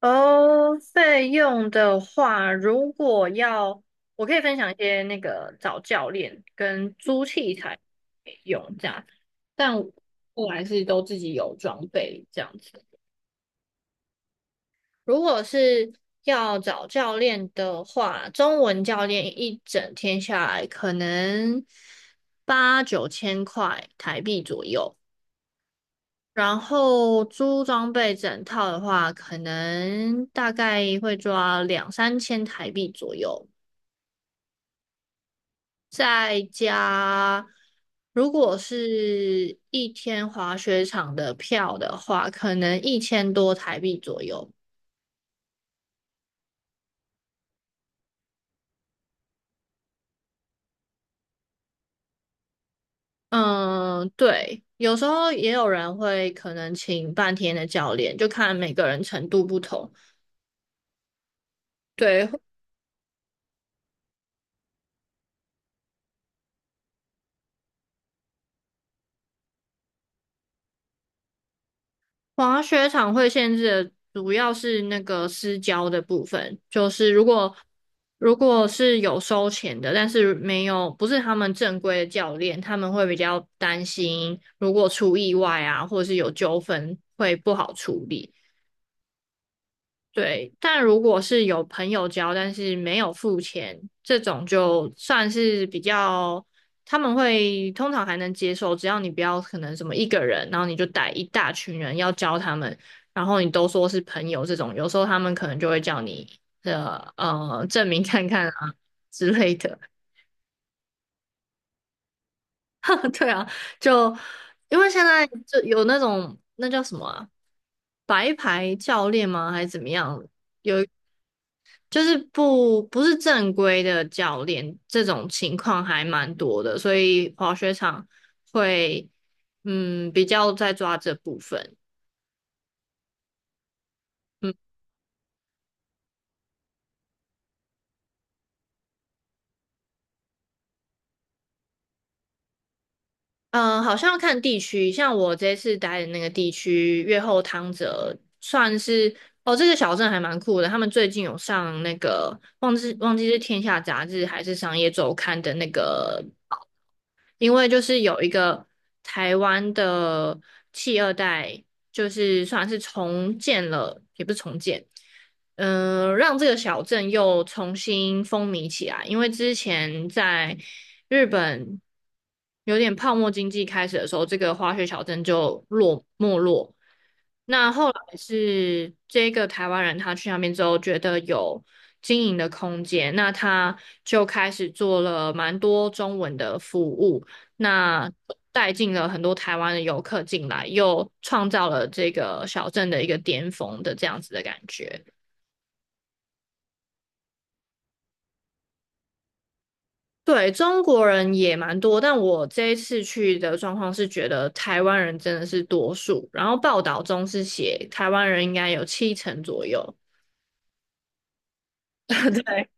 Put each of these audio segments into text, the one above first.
哦，费用的话，如果要，我可以分享一些那个找教练跟租器材用这样，但我还是都自己有装备这样子。如果是要找教练的话，中文教练一整天下来可能八九千块台币左右。然后租装备整套的话，可能大概会抓两三千台币左右，再加如果是一天滑雪场的票的话，可能一千多台币左右。嗯，对，有时候也有人会可能请半天的教练，就看每个人程度不同。对，滑雪场会限制的主要是那个私交的部分，就是如果是有收钱的，但是没有不是他们正规的教练，他们会比较担心，如果出意外啊，或者是有纠纷会不好处理。对，但如果是有朋友教，但是没有付钱，这种就算是比较，他们会通常还能接受，只要你不要可能什么一个人，然后你就带一大群人要教他们，然后你都说是朋友这种，有时候他们可能就会叫你的证明看看啊之类的，对啊，就因为现在就有那种那叫什么啊，白牌教练吗？还是怎么样？就是不是正规的教练，这种情况还蛮多的，所以滑雪场会比较在抓这部分。嗯嗯，好像要看地区，像我这次待的那个地区，越后汤泽算是哦，这个小镇还蛮酷的，他们最近有上那个忘记是天下》杂志还是《商业周刊》的那个，因为就是有一个台湾的企二代，就是算是重建了，也不是重建，嗯、让这个小镇又重新风靡起来。因为之前在日本有点泡沫经济开始的时候，这个滑雪小镇就落没落。那后来是这个台湾人他去那边之后，觉得有经营的空间，那他就开始做了蛮多中文的服务。那带进了很多台湾的游客进来，又创造了这个小镇的一个巅峰的这样子的感觉。对，中国人也蛮多，但我这一次去的状况是觉得台湾人真的是多数，然后报道中是写台湾人应该有七成左右。对，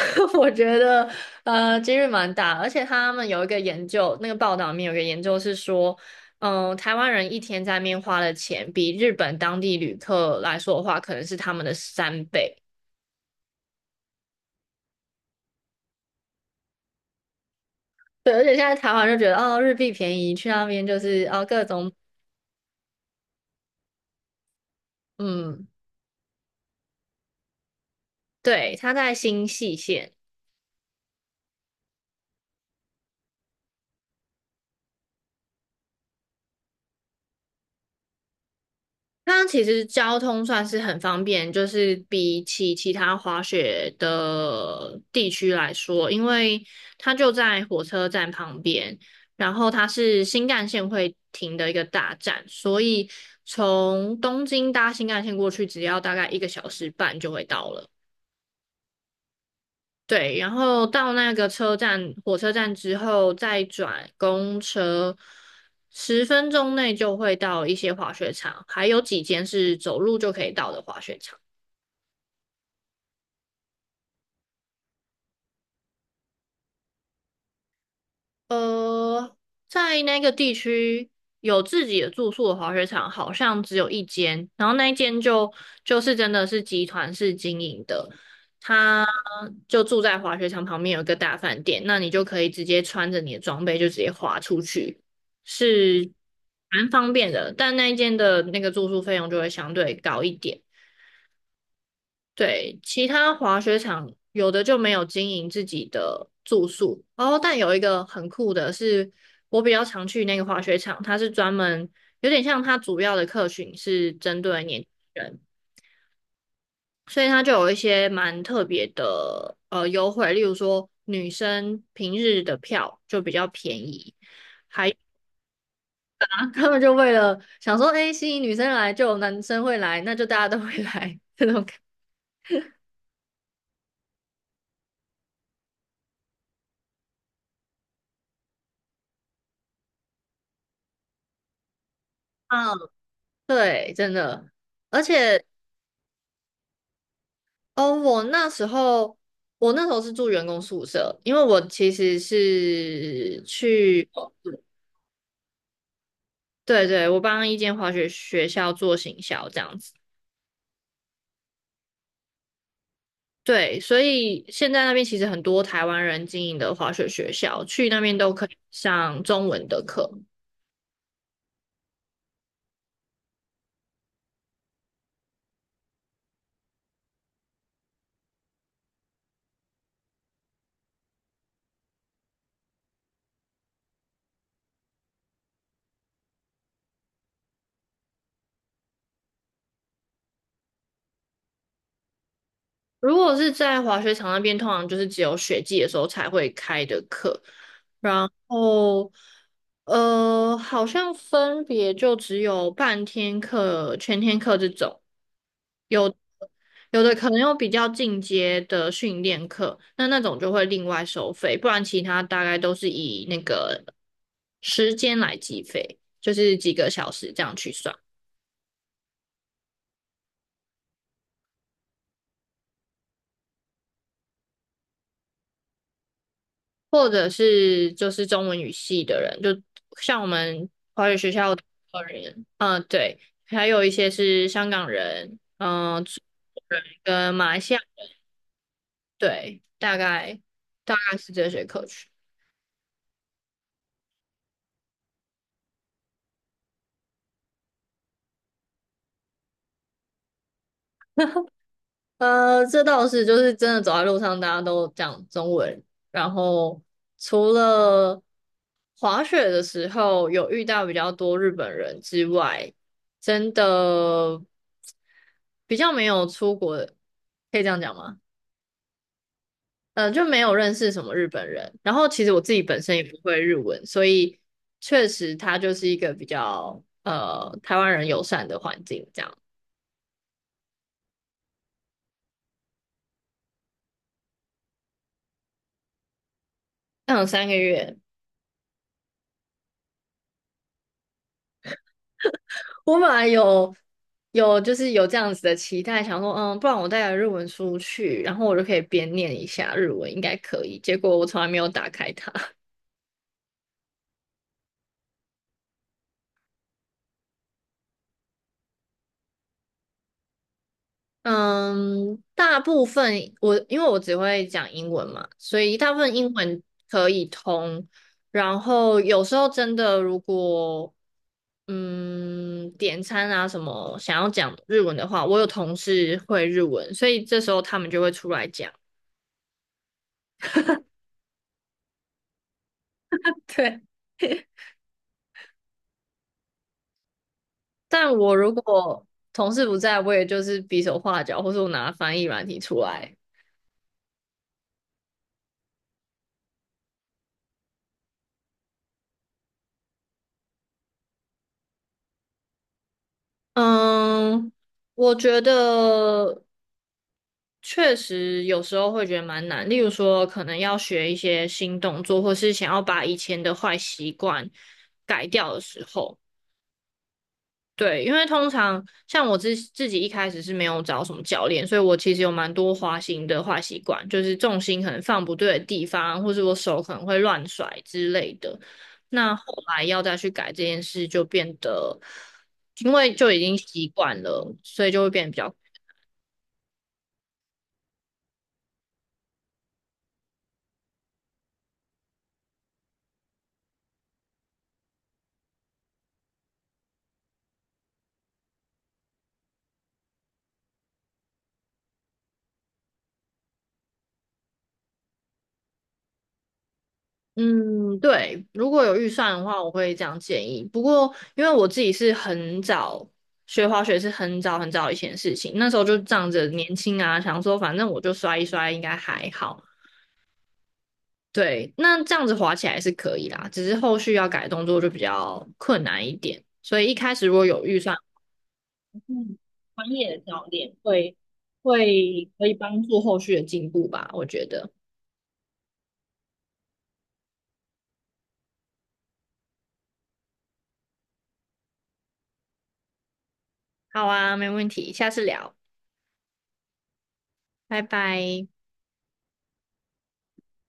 我觉得几率蛮大，而且他们有一个研究，那个报道里面有一个研究是说，嗯、台湾人一天在那边花的钱，比日本当地旅客来说的话，可能是他们的三倍。对，而且现在台湾就觉得哦，日币便宜，去那边就是哦各种。嗯，对，他在新细线。它其实交通算是很方便，就是比起其他滑雪的地区来说，因为它就在火车站旁边，然后它是新干线会停的一个大站，所以从东京搭新干线过去，只要大概一个小时半就会到了。对，然后到那个车站，火车站之后再转公车，十分钟内就会到一些滑雪场，还有几间是走路就可以到的滑雪场。呃，在那个地区有自己的住宿的滑雪场，好像只有一间，然后那一间就是真的是集团式经营的，他就住在滑雪场旁边有一个大饭店，那你就可以直接穿着你的装备就直接滑出去，是蛮方便的，但那一间的那个住宿费用就会相对高一点。对，其他滑雪场有的就没有经营自己的住宿哦，但有一个很酷的是，我比较常去那个滑雪场，它是专门有点像它主要的客群是针对年轻人，所以它就有一些蛮特别的优惠，例如说女生平日的票就比较便宜，还 他们就为了想说，哎，吸引女生来，就有男生会来，那就大家都会来 这种感觉，嗯，对，真的。而且哦，我那时候是住员工宿舍，因为我其实是去，对，我帮一间滑雪学校做行销这样子，对，所以现在那边其实很多台湾人经营的滑雪学校，去那边都可以上中文的课。如果是在滑雪场那边，通常就是只有雪季的时候才会开的课，然后，好像分别就只有半天课、全天课这种，有有的可能有比较进阶的训练课，那那种就会另外收费，不然其他大概都是以那个时间来计费，就是几个小时这样去算，或者是就是中文语系的人，就像我们华语学校的人，嗯、对，还有一些是香港人，嗯、中国人跟马来西亚，对，大概是这些课程。这倒是，就是真的走在路上，大家都讲中文。然后除了滑雪的时候有遇到比较多日本人之外，真的比较没有出国的可以这样讲吗？就没有认识什么日本人。然后其实我自己本身也不会日文，所以确实它就是一个比较台湾人友善的环境这样。嗯，三个月。我本来就是有这样子的期待，想说，嗯，不然我带了日文书去，然后我就可以边念一下日文，应该可以。结果我从来没有打开它。嗯，大部分我因为我只会讲英文嘛，所以大部分英文可以通。然后有时候真的如果点餐啊什么想要讲日文的话，我有同事会日文，所以这时候他们就会出来讲。对。但我如果同事不在，我也就是比手画脚，或是我拿翻译软体出来。嗯，我觉得确实有时候会觉得蛮难，例如说可能要学一些新动作，或是想要把以前的坏习惯改掉的时候。对，因为通常像我自己一开始是没有找什么教练，所以我其实有蛮多滑行的坏习惯，就是重心可能放不对的地方，或是我手可能会乱甩之类的。那后来要再去改这件事，就变得因为就已经习惯了，所以就会变得比较。嗯，对，如果有预算的话，我会这样建议。不过，因为我自己是很早学滑雪，是很早很早以前的事情，那时候就仗着年轻啊，想说反正我就摔一摔，应该还好。对，那这样子滑起来是可以啦，只是后续要改动作就比较困难一点。所以一开始如果有预算，嗯，专业的教练会可以帮助后续的进步吧，我觉得。好啊，没问题，下次聊，拜拜。